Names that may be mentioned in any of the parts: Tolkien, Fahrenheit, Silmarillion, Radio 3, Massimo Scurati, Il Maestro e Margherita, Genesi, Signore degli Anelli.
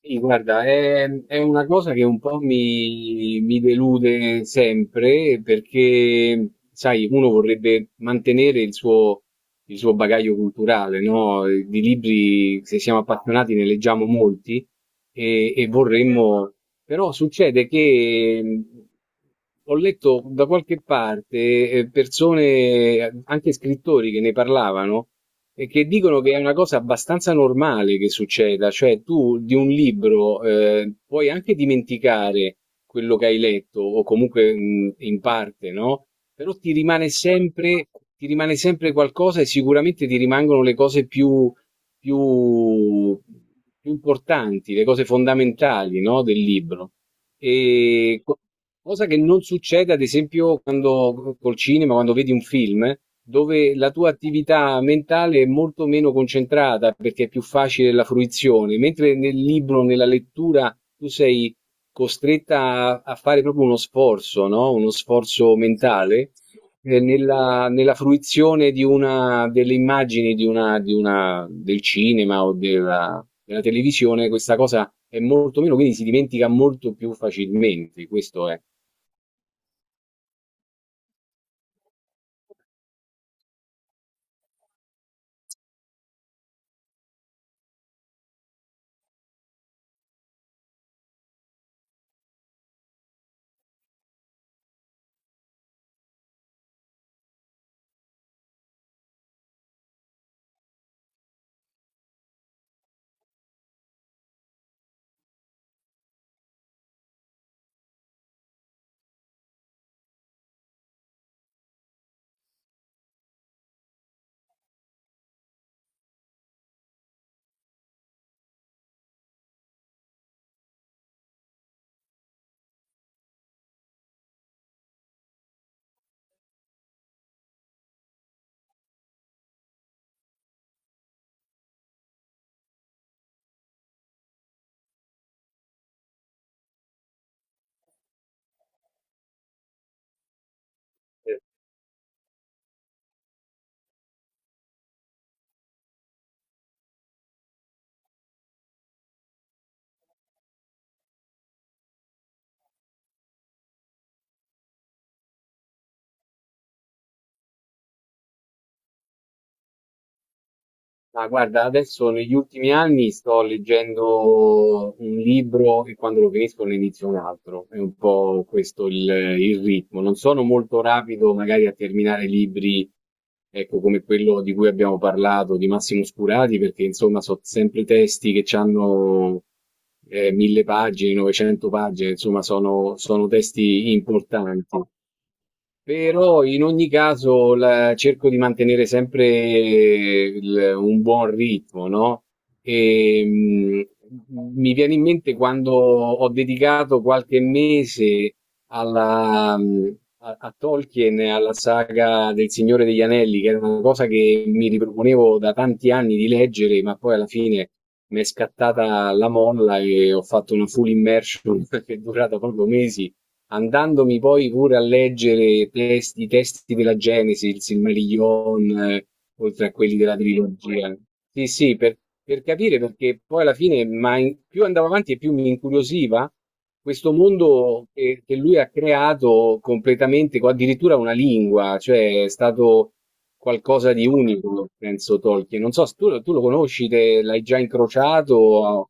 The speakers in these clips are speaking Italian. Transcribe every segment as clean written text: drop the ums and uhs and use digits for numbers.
Sì, guarda, è una cosa che un po' mi delude sempre perché, sai, uno vorrebbe mantenere il suo bagaglio culturale, no? Di libri, se siamo appassionati, ne leggiamo molti e vorremmo, però succede che ho letto da qualche parte persone, anche scrittori che ne parlavano e che dicono che è una cosa abbastanza normale che succeda, cioè tu di un libro puoi anche dimenticare quello che hai letto, o comunque in parte, no? Però ti rimane sempre qualcosa e sicuramente ti rimangono le cose più, più, più importanti, le cose fondamentali, no? Del libro. E cosa che non succede, ad esempio, quando col cinema, quando vedi un film, dove la tua attività mentale è molto meno concentrata perché è più facile la fruizione, mentre nel libro, nella lettura, tu sei costretta a, a fare proprio uno sforzo, no? Uno sforzo mentale. Nella fruizione di una delle immagini di una del cinema o della televisione, questa cosa è molto meno, quindi si dimentica molto più facilmente, questo è. eh, Ma guarda, adesso negli ultimi anni sto leggendo un libro e quando lo finisco ne inizio un altro. È un po' questo il ritmo. Non sono molto rapido magari a terminare libri, ecco, come quello di cui abbiamo parlato, di Massimo Scurati, perché insomma sono sempre testi che hanno mille pagine, 900 pagine, insomma sono sono testi importanti. Però in ogni caso cerco di mantenere sempre un buon ritmo, no? E, mh, mi viene in mente quando ho dedicato qualche mese alla, a, a Tolkien, e alla saga del Signore degli Anelli, che era una cosa che mi riproponevo da tanti anni di leggere, ma poi alla fine mi è scattata la molla e ho fatto una full immersion che è durata proprio mesi andandomi poi pure a leggere i testi della Genesi, il Silmarillion, oltre a quelli della trilogia. Sì, sì, per capire perché poi alla fine, ma più andavo avanti e più mi incuriosiva questo mondo che lui ha creato completamente, con addirittura una lingua, cioè è stato qualcosa di unico, penso Tolkien. Non so se tu lo conosci, te l'hai già incrociato.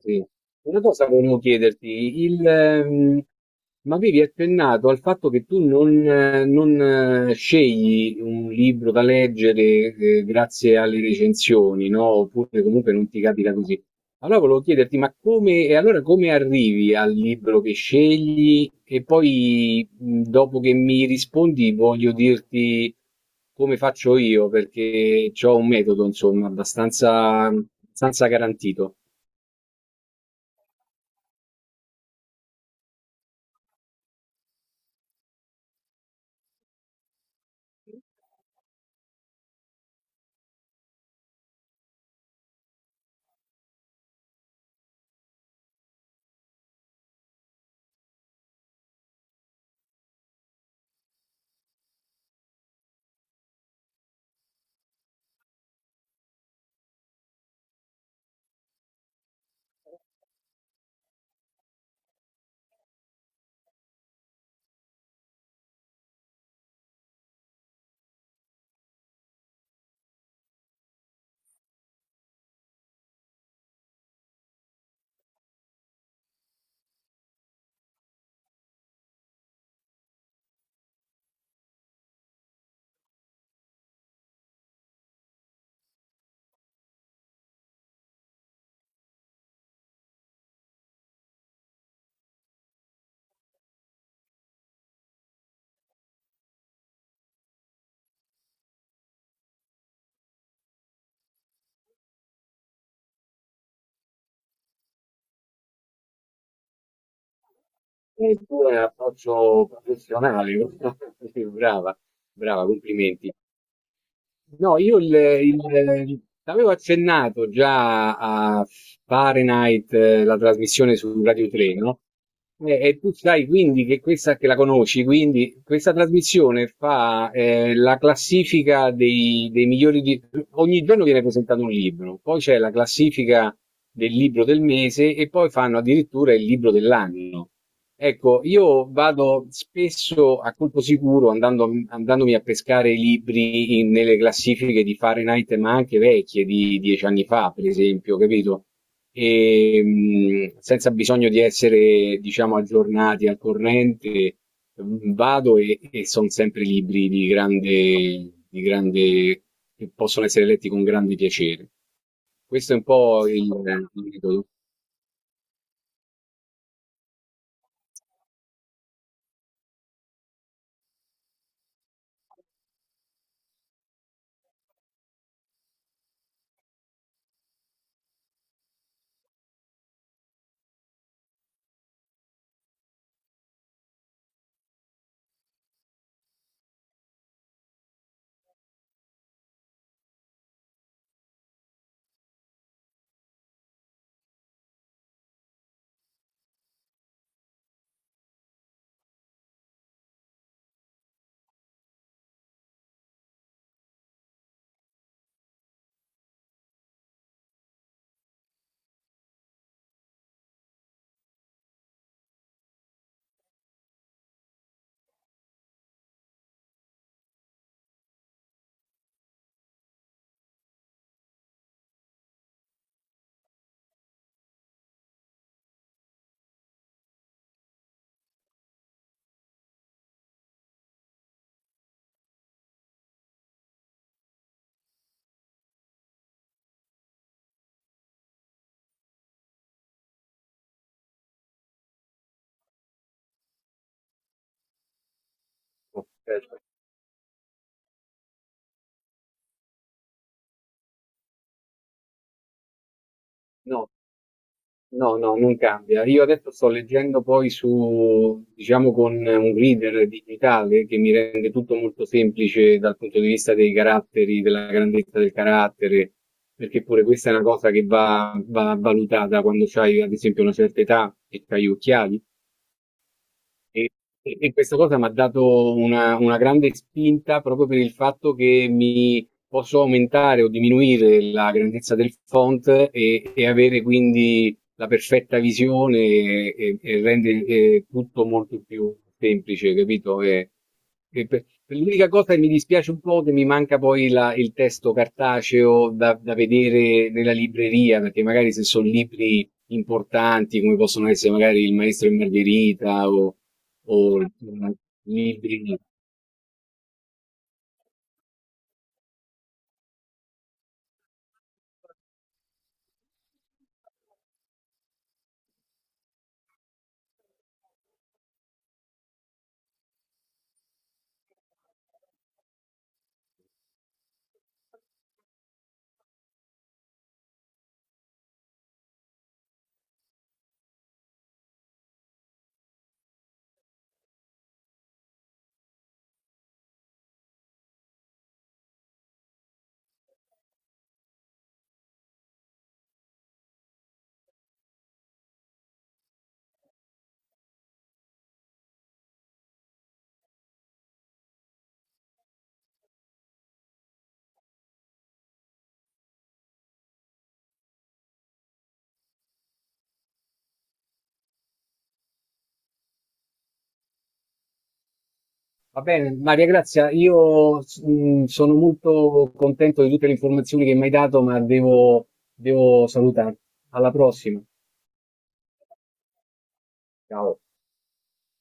Sì. Una cosa volevo chiederti, il, ehm, ma avevi accennato al fatto che tu non scegli un libro da leggere, grazie alle recensioni, no? Oppure comunque non ti capita così. Allora volevo chiederti, ma come, e allora come arrivi al libro che scegli? E poi, dopo che mi rispondi, voglio dirti come faccio io, perché ho un metodo, insomma, abbastanza, abbastanza garantito. E il tuo è approccio professionale, sì, brava, brava, complimenti. No, avevo accennato già a Fahrenheit, la trasmissione su Radio 3, no? E tu sai quindi che la conosci, quindi questa trasmissione fa la classifica dei, dei migliori, ogni giorno viene presentato un libro, poi c'è la classifica del libro del mese e poi fanno addirittura il libro dell'anno. Ecco, io vado spesso a colpo sicuro andando, andandomi a pescare i libri nelle classifiche di Fahrenheit, ma anche vecchie di dieci anni fa, per esempio, capito? Senza bisogno di essere, diciamo, aggiornati al corrente, vado e sono sempre libri di grande, che possono essere letti con grande piacere. Questo è un po' il metodo. No, no, no, non cambia. Io adesso sto leggendo poi su, diciamo, con un reader digitale che mi rende tutto molto semplice dal punto di vista dei caratteri, della grandezza del carattere, perché pure questa è una cosa che va, va valutata quando c'hai, ad esempio, una certa età e c'hai gli occhiali. E, e questa cosa mi ha dato una grande spinta proprio per il fatto che mi posso aumentare o diminuire la grandezza del font e avere quindi la perfetta visione e rende tutto molto più semplice, capito? E per l'unica cosa che mi dispiace un po' che mi manca poi il testo cartaceo da, da vedere nella libreria, perché magari se sono libri importanti come possono essere magari Il Maestro e Margherita o mm, libri. Va bene, Maria Grazia, io sono molto contento di tutte le informazioni che mi hai dato, ma devo salutarti. Alla prossima. Ciao.